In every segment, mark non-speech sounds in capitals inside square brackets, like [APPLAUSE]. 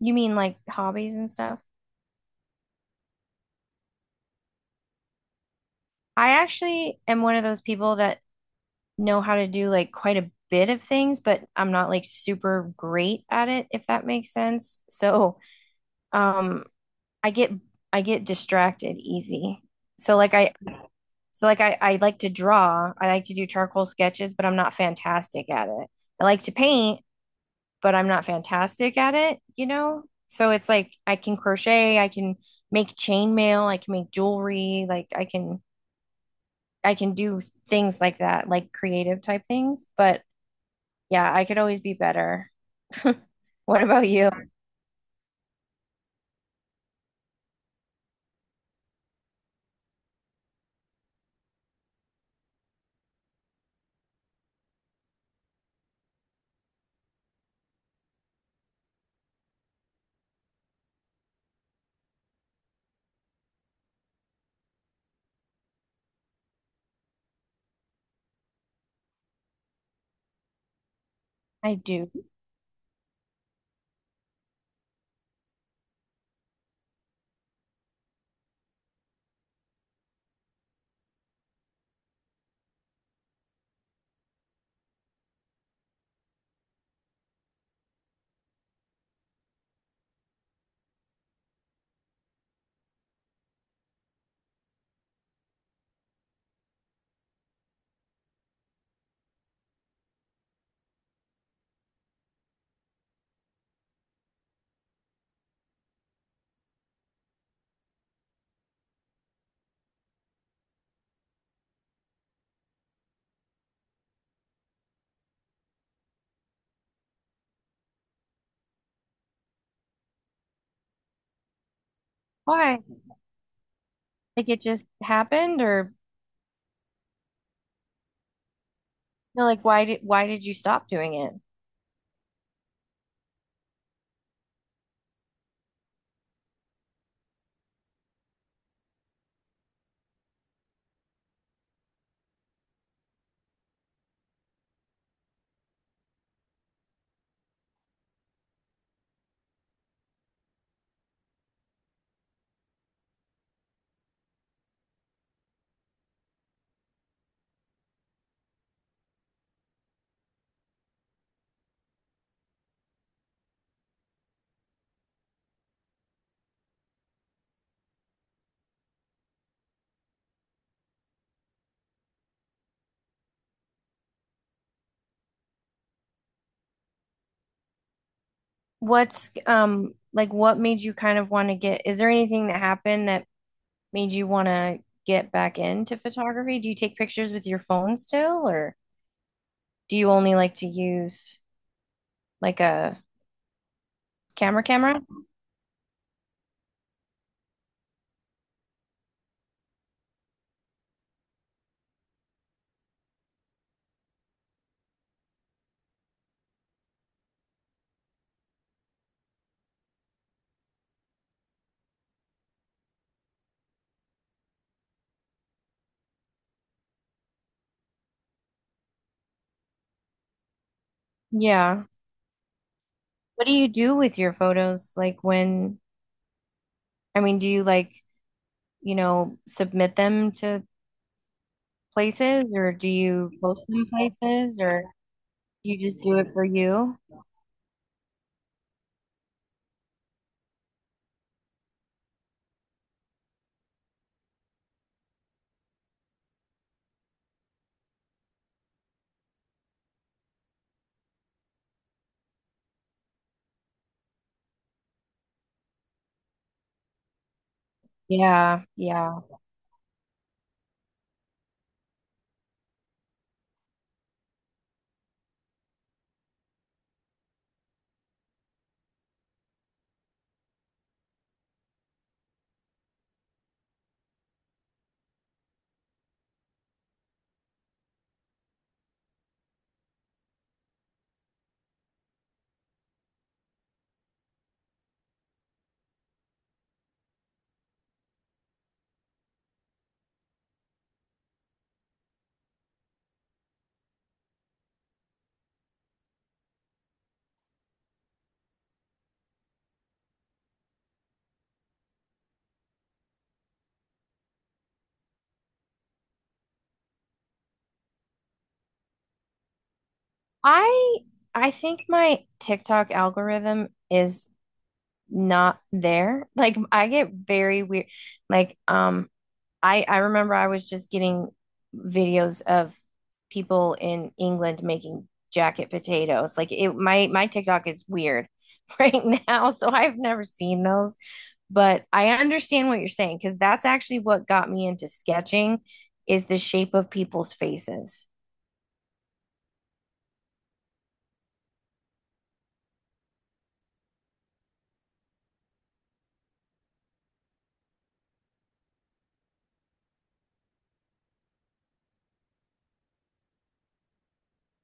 You mean like hobbies and stuff? I actually am one of those people that know how to do like quite a bit of things, but I'm not like super great at it, if that makes sense. So, um, I get I get distracted easy. So like I so like I like to draw. I like to do charcoal sketches, but I'm not fantastic at it. I like to paint, but I'm not fantastic at it, you know? So it's like I can crochet, I can make chainmail, I can make jewelry, like I can do things like that, like creative type things. But yeah, I could always be better. [LAUGHS] What about you? I do. Why? Like it just happened or no, like why did you stop doing it? What's like what made you kind of want to get, is there anything that happened that made you want to get back into photography? Do you take pictures with your phone still or do you only like to use like a camera camera? Yeah. What do you do with your photos, like when, I mean, do you like, you know, submit them to places or do you post them places, or you just do it for you? Yeah, yeah. I I think my TikTok algorithm is not there. [LAUGHS] Like I get very weird. Like I remember I was just getting videos of people in England making jacket potatoes. Like it, my TikTok is weird [LAUGHS] right now, so I've never seen those. But I understand what you're saying, because that's actually what got me into sketching is the shape of people's faces.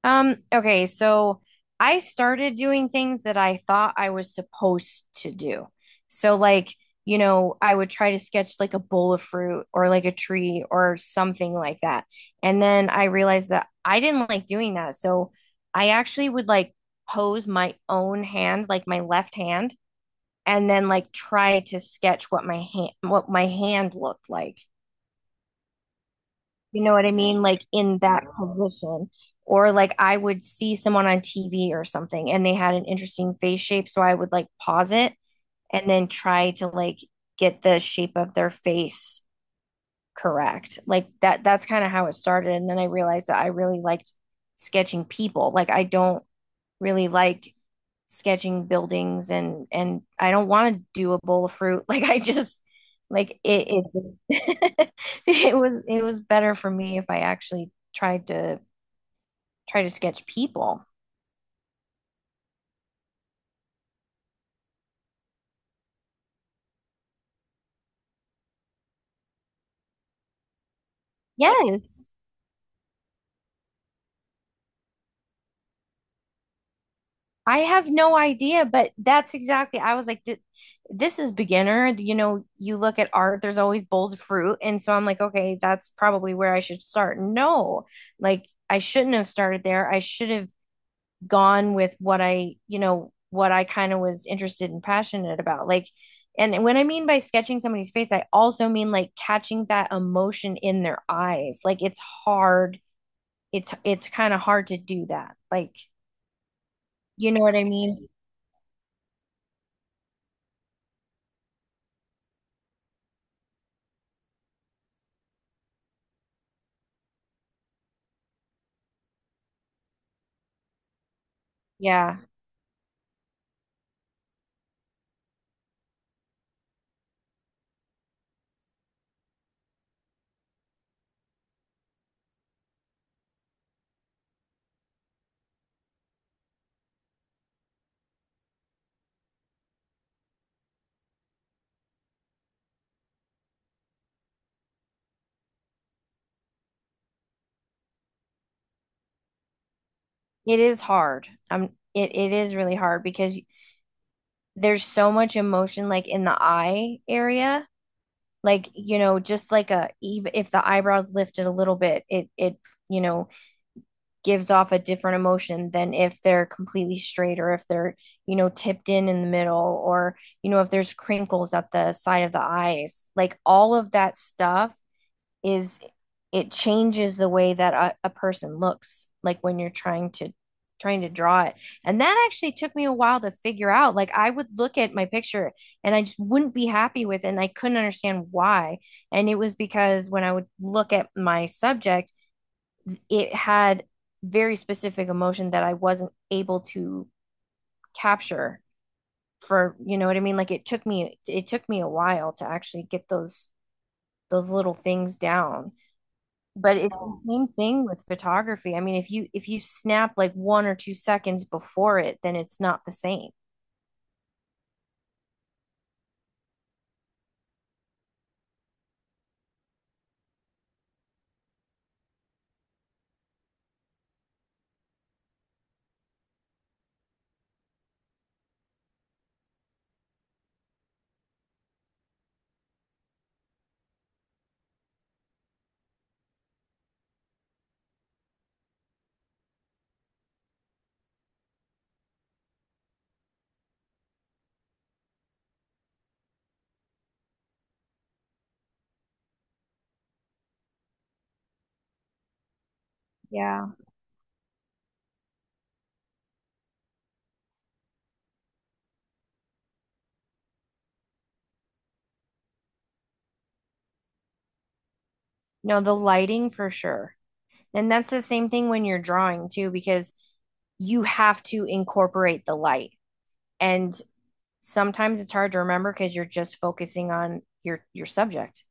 Okay, so I started doing things that I thought I was supposed to do. So like, you know, I would try to sketch like a bowl of fruit or like a tree or something like that. And then I realized that I didn't like doing that. So I actually would like pose my own hand, like my left hand, and then like try to sketch what my hand looked like. You know what I mean? Like in that position. Or like I would see someone on TV or something and they had an interesting face shape. So I would like pause it and then try to like get the shape of their face correct. Like that's kind of how it started. And then I realized that I really liked sketching people. Like I don't really like sketching buildings, and I don't want to do a bowl of fruit. [LAUGHS] Like I just like it, it just. [LAUGHS] It was better for me if I actually tried to try to sketch people. Yes. I have no idea, but that's exactly, I was like this is beginner. You know, you look at art, there's always bowls of fruit. And so I'm like, okay, that's probably where I should start. No, like I shouldn't have started there. I should have gone with what I, you know, what I kind of was interested and passionate about. Like, and when I mean by sketching somebody's face, I also mean like catching that emotion in their eyes. Like it's hard. It's kind of hard to do that. Like, you know what I mean? Yeah. It is hard. It is really hard because there's so much emotion like in the eye area. Like, you know, just like a, even if the eyebrows lifted a little bit, you know, gives off a different emotion than if they're completely straight, or if they're, you know, tipped in the middle, or, you know, if there's crinkles at the side of the eyes. Like all of that stuff is, it changes the way that a person looks like when you're trying to trying to draw it. And that actually took me a while to figure out. Like I would look at my picture and I just wouldn't be happy with it and I couldn't understand why. And it was because when I would look at my subject, it had very specific emotion that I wasn't able to capture. For, you know what I mean, like it took me a while to actually get those little things down. But it's the same thing with photography. I mean, if you snap like 1 or 2 seconds before it, then it's not the same. Yeah. No, the lighting for sure. And that's the same thing when you're drawing too, because you have to incorporate the light, and sometimes it's hard to remember because you're just focusing on your subject.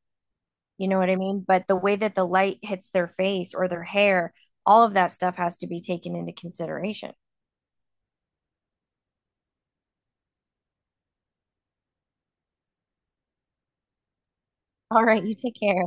You know what I mean? But the way that the light hits their face or their hair, all of that stuff has to be taken into consideration. All right, you take care.